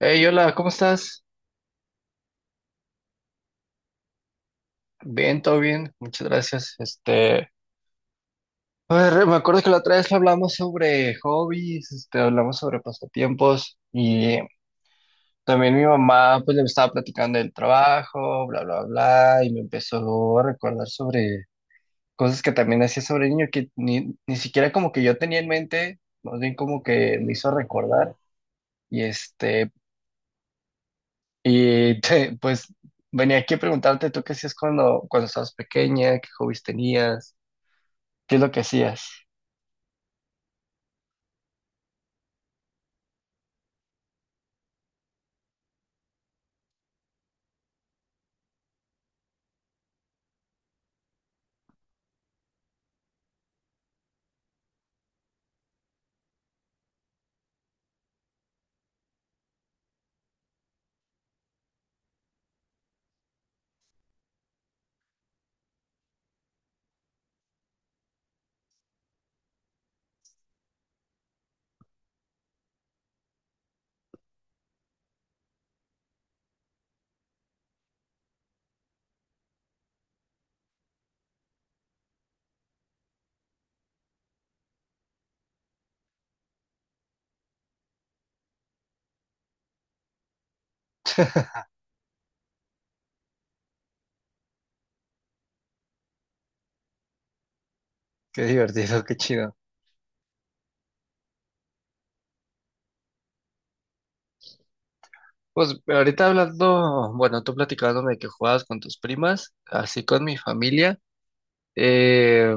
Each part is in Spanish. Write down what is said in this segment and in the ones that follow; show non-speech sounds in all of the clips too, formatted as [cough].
Hey, hola, ¿cómo estás? Bien, todo bien, muchas gracias. Este, a ver, me acuerdo que la otra vez hablamos sobre hobbies, este, hablamos sobre pasatiempos y también mi mamá pues le estaba platicando del trabajo, bla, bla, bla, y me empezó a recordar sobre cosas que también hacía sobre niño que ni siquiera como que yo tenía en mente, más bien como que me hizo recordar y este, y [laughs] pues venía aquí a preguntarte tú qué hacías cuando estabas pequeña, qué hobbies tenías. ¿Qué es lo que hacías? Qué divertido, qué chido. Pues ahorita hablando, bueno, tú platicándome de que jugabas con tus primas, así con mi familia. eh,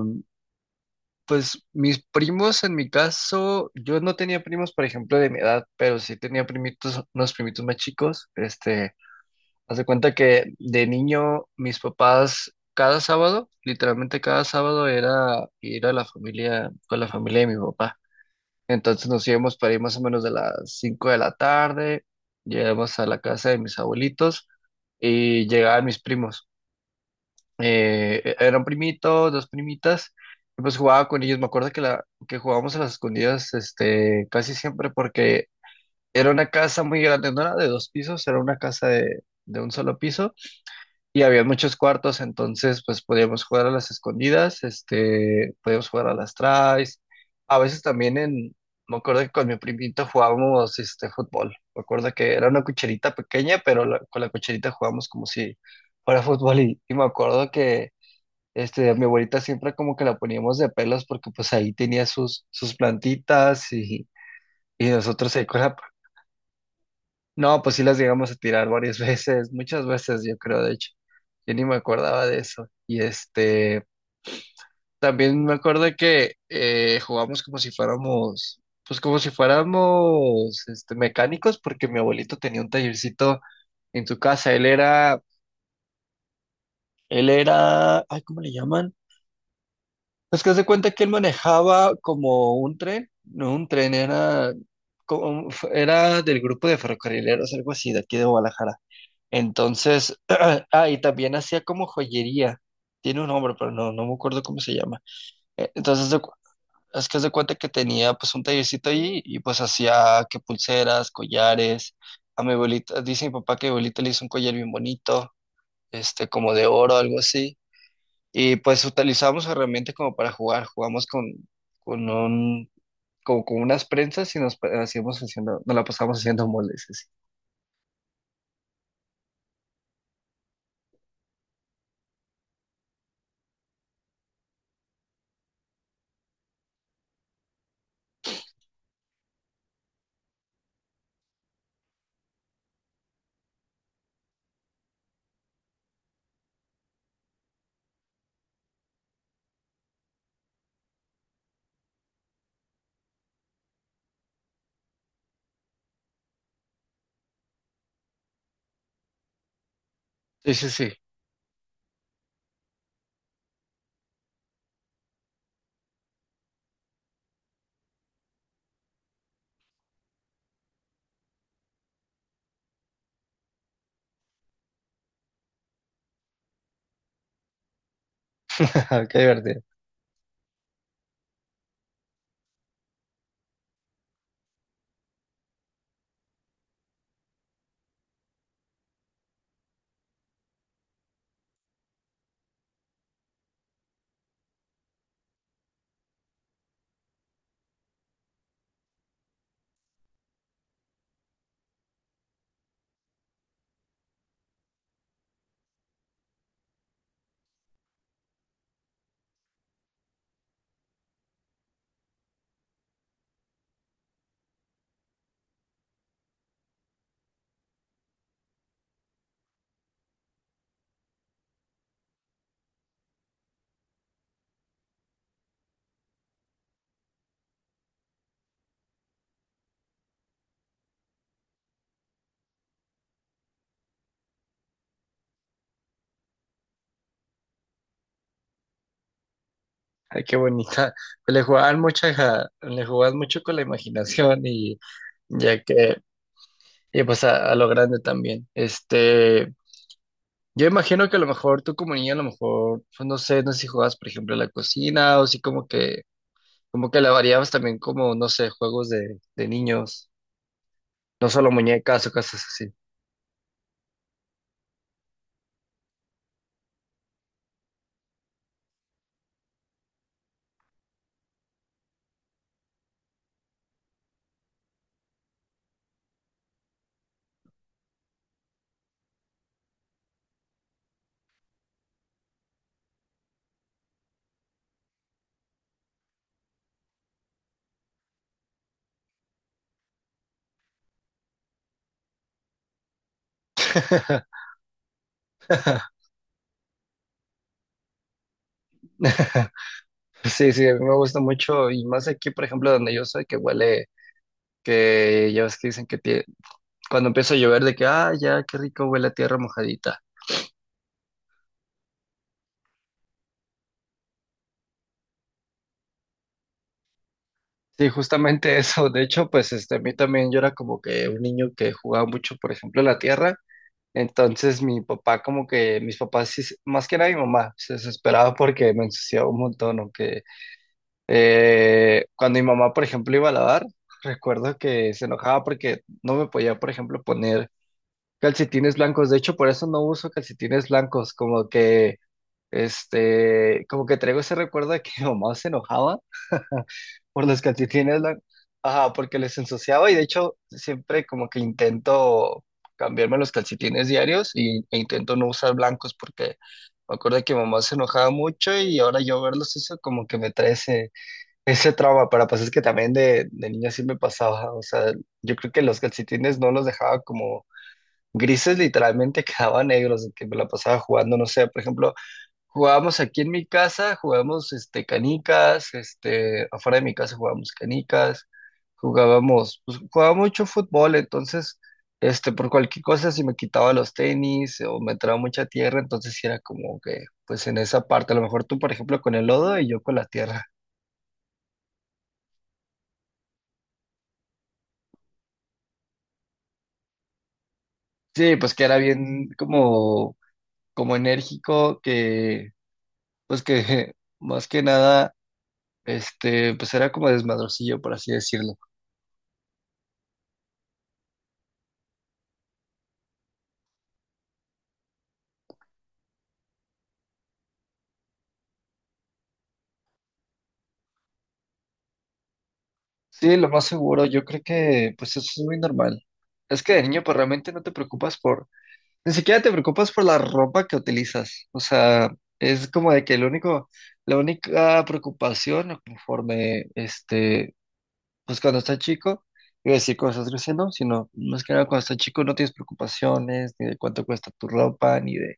pues mis primos, en mi caso, yo no tenía primos, por ejemplo, de mi edad, pero sí tenía primitos, unos primitos más chicos. Este, haz de cuenta que de niño, mis papás, cada sábado, literalmente cada sábado era ir a la familia, con la familia de mi papá. Entonces nos íbamos para ir más o menos de las 5 de la tarde, llegamos a la casa de mis abuelitos y llegaban mis primos. Era un primito, dos primitas, y pues jugaba con ellos. Me acuerdo que jugábamos a las escondidas, este, casi siempre porque era una casa muy grande, no era de dos pisos, era una casa de un solo piso y había muchos cuartos, entonces pues podíamos jugar a las escondidas, este, podíamos jugar a las tries. A veces también en, me acuerdo que con mi primito jugábamos este fútbol. Me acuerdo que era una cucharita pequeña, pero con la cucharita jugábamos como si fuera fútbol y me acuerdo que este, a mi abuelita siempre como que la poníamos de pelos porque pues ahí tenía sus plantitas y nosotros ahí con la no, pues sí las llegamos a tirar varias [laughs] veces, muchas veces yo creo, de hecho. Yo ni me acordaba de eso. Y este, también me acuerdo que jugamos como si fuéramos, pues como si fuéramos este, mecánicos, porque mi abuelito tenía un tallercito en su casa. Él era, ay, ¿cómo le llaman? Pues que haz de cuenta que él manejaba como un tren, no un tren, era, como, era del grupo de ferrocarrileros, algo así, de aquí de Guadalajara. Entonces, [clears throat] ah, y también hacía como joyería. Tiene un nombre, pero no, no me acuerdo cómo se llama. Entonces, es que se cuenta que tenía pues un tallercito ahí y pues hacía que pulseras, collares. A mi abuelita, dice mi papá que mi abuelita le hizo un collar bien bonito, este, como de oro, algo así. Y pues utilizábamos herramientas como para jugar. Jugamos con un, como con unas prensas y hacíamos haciendo, nos la pasábamos haciendo moldes, así. Sí, sí, sí. [laughs] Qué divertido. Ay, qué bonita. Pues le jugaban mucho, le jugaban mucho con la imaginación y ya que, y pues a lo grande también. Este, yo imagino que a lo mejor tú como niña, a lo mejor, pues no sé, no sé si jugabas, por ejemplo, a la cocina o si como que la variabas también como, no sé, juegos de niños, no solo muñecas o cosas así. [laughs] Sí, sí, a mí me gusta mucho y más aquí, por ejemplo, donde yo soy, que huele, que ya ves que dicen que cuando empieza a llover de que, ah, ya, qué rico huele la tierra mojadita. Sí, justamente [laughs] eso. De hecho, pues este, a mí también yo era como que un niño que jugaba mucho, por ejemplo, en la tierra. Entonces mi papá como que, mis papás, más que nada mi mamá, se desesperaba porque me ensuciaba un montón. O que cuando mi mamá, por ejemplo, iba a lavar, recuerdo que se enojaba porque no me podía, por ejemplo, poner calcetines blancos. De hecho, por eso no uso calcetines blancos, como que. Este, como que traigo ese recuerdo de que [laughs] mi mamá se enojaba [laughs] por los calcetines, ajá, porque les ensuciaba y de hecho siempre como que intento cambiarme los calcetines diarios e intento no usar blancos porque me acuerdo que mi mamá se enojaba mucho y ahora yo verlos eso como que me trae ese trauma, pero pues es que también de niña sí me pasaba, o sea, yo creo que los calcetines no los dejaba como grises, literalmente [laughs] quedaban negros, de que me la pasaba jugando, no sé, por ejemplo. Jugábamos aquí en mi casa, jugábamos este, canicas, este, afuera de mi casa jugábamos canicas, jugábamos, pues jugaba mucho fútbol, entonces, este, por cualquier cosa, si me quitaba los tenis o me entraba mucha tierra, entonces sí era como que, pues en esa parte, a lo mejor tú, por ejemplo, con el lodo y yo con la tierra. Sí, pues que era bien como enérgico, que, pues que [laughs] más que nada, este, pues era como desmadrocillo, por así decirlo. Sí, lo más seguro, yo creo que pues eso es muy normal. Es que de niño pues realmente no te preocupas por, ni siquiera te preocupas por la ropa que utilizas. O sea, es como de que lo único, la única preocupación conforme este, pues cuando estás chico, iba a decir cuando estás creciendo, sino más que nada cuando estás chico no tienes preocupaciones ni de cuánto cuesta tu ropa, ni de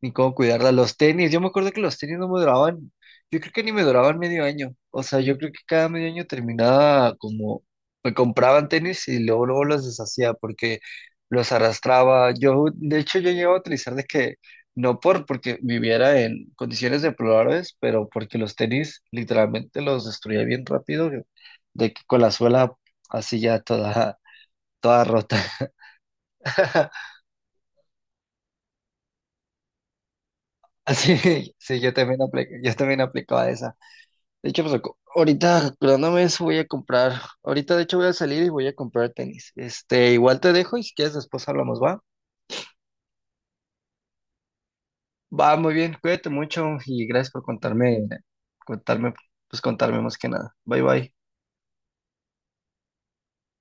ni cómo cuidarla. Los tenis, yo me acuerdo que los tenis no me duraban, yo creo que ni me duraban medio año. O sea, yo creo que cada medio año terminaba como, me compraban tenis y luego, luego los deshacía porque los arrastraba. Yo, de hecho, yo llegaba a utilizar de que, no porque viviera en condiciones deplorables, pero porque los tenis literalmente los destruía bien rápido, de que con la suela así ya toda, toda rota. [laughs] Así, sí, yo también aplicaba esa. De hecho, pues ahorita acordándome de eso voy a comprar. Ahorita, de hecho, voy a salir y voy a comprar tenis. Este, igual te dejo y si quieres después hablamos, ¿va? Va, muy bien, cuídate mucho y gracias por contarme, contarme, pues contarme más que nada. Bye, bye.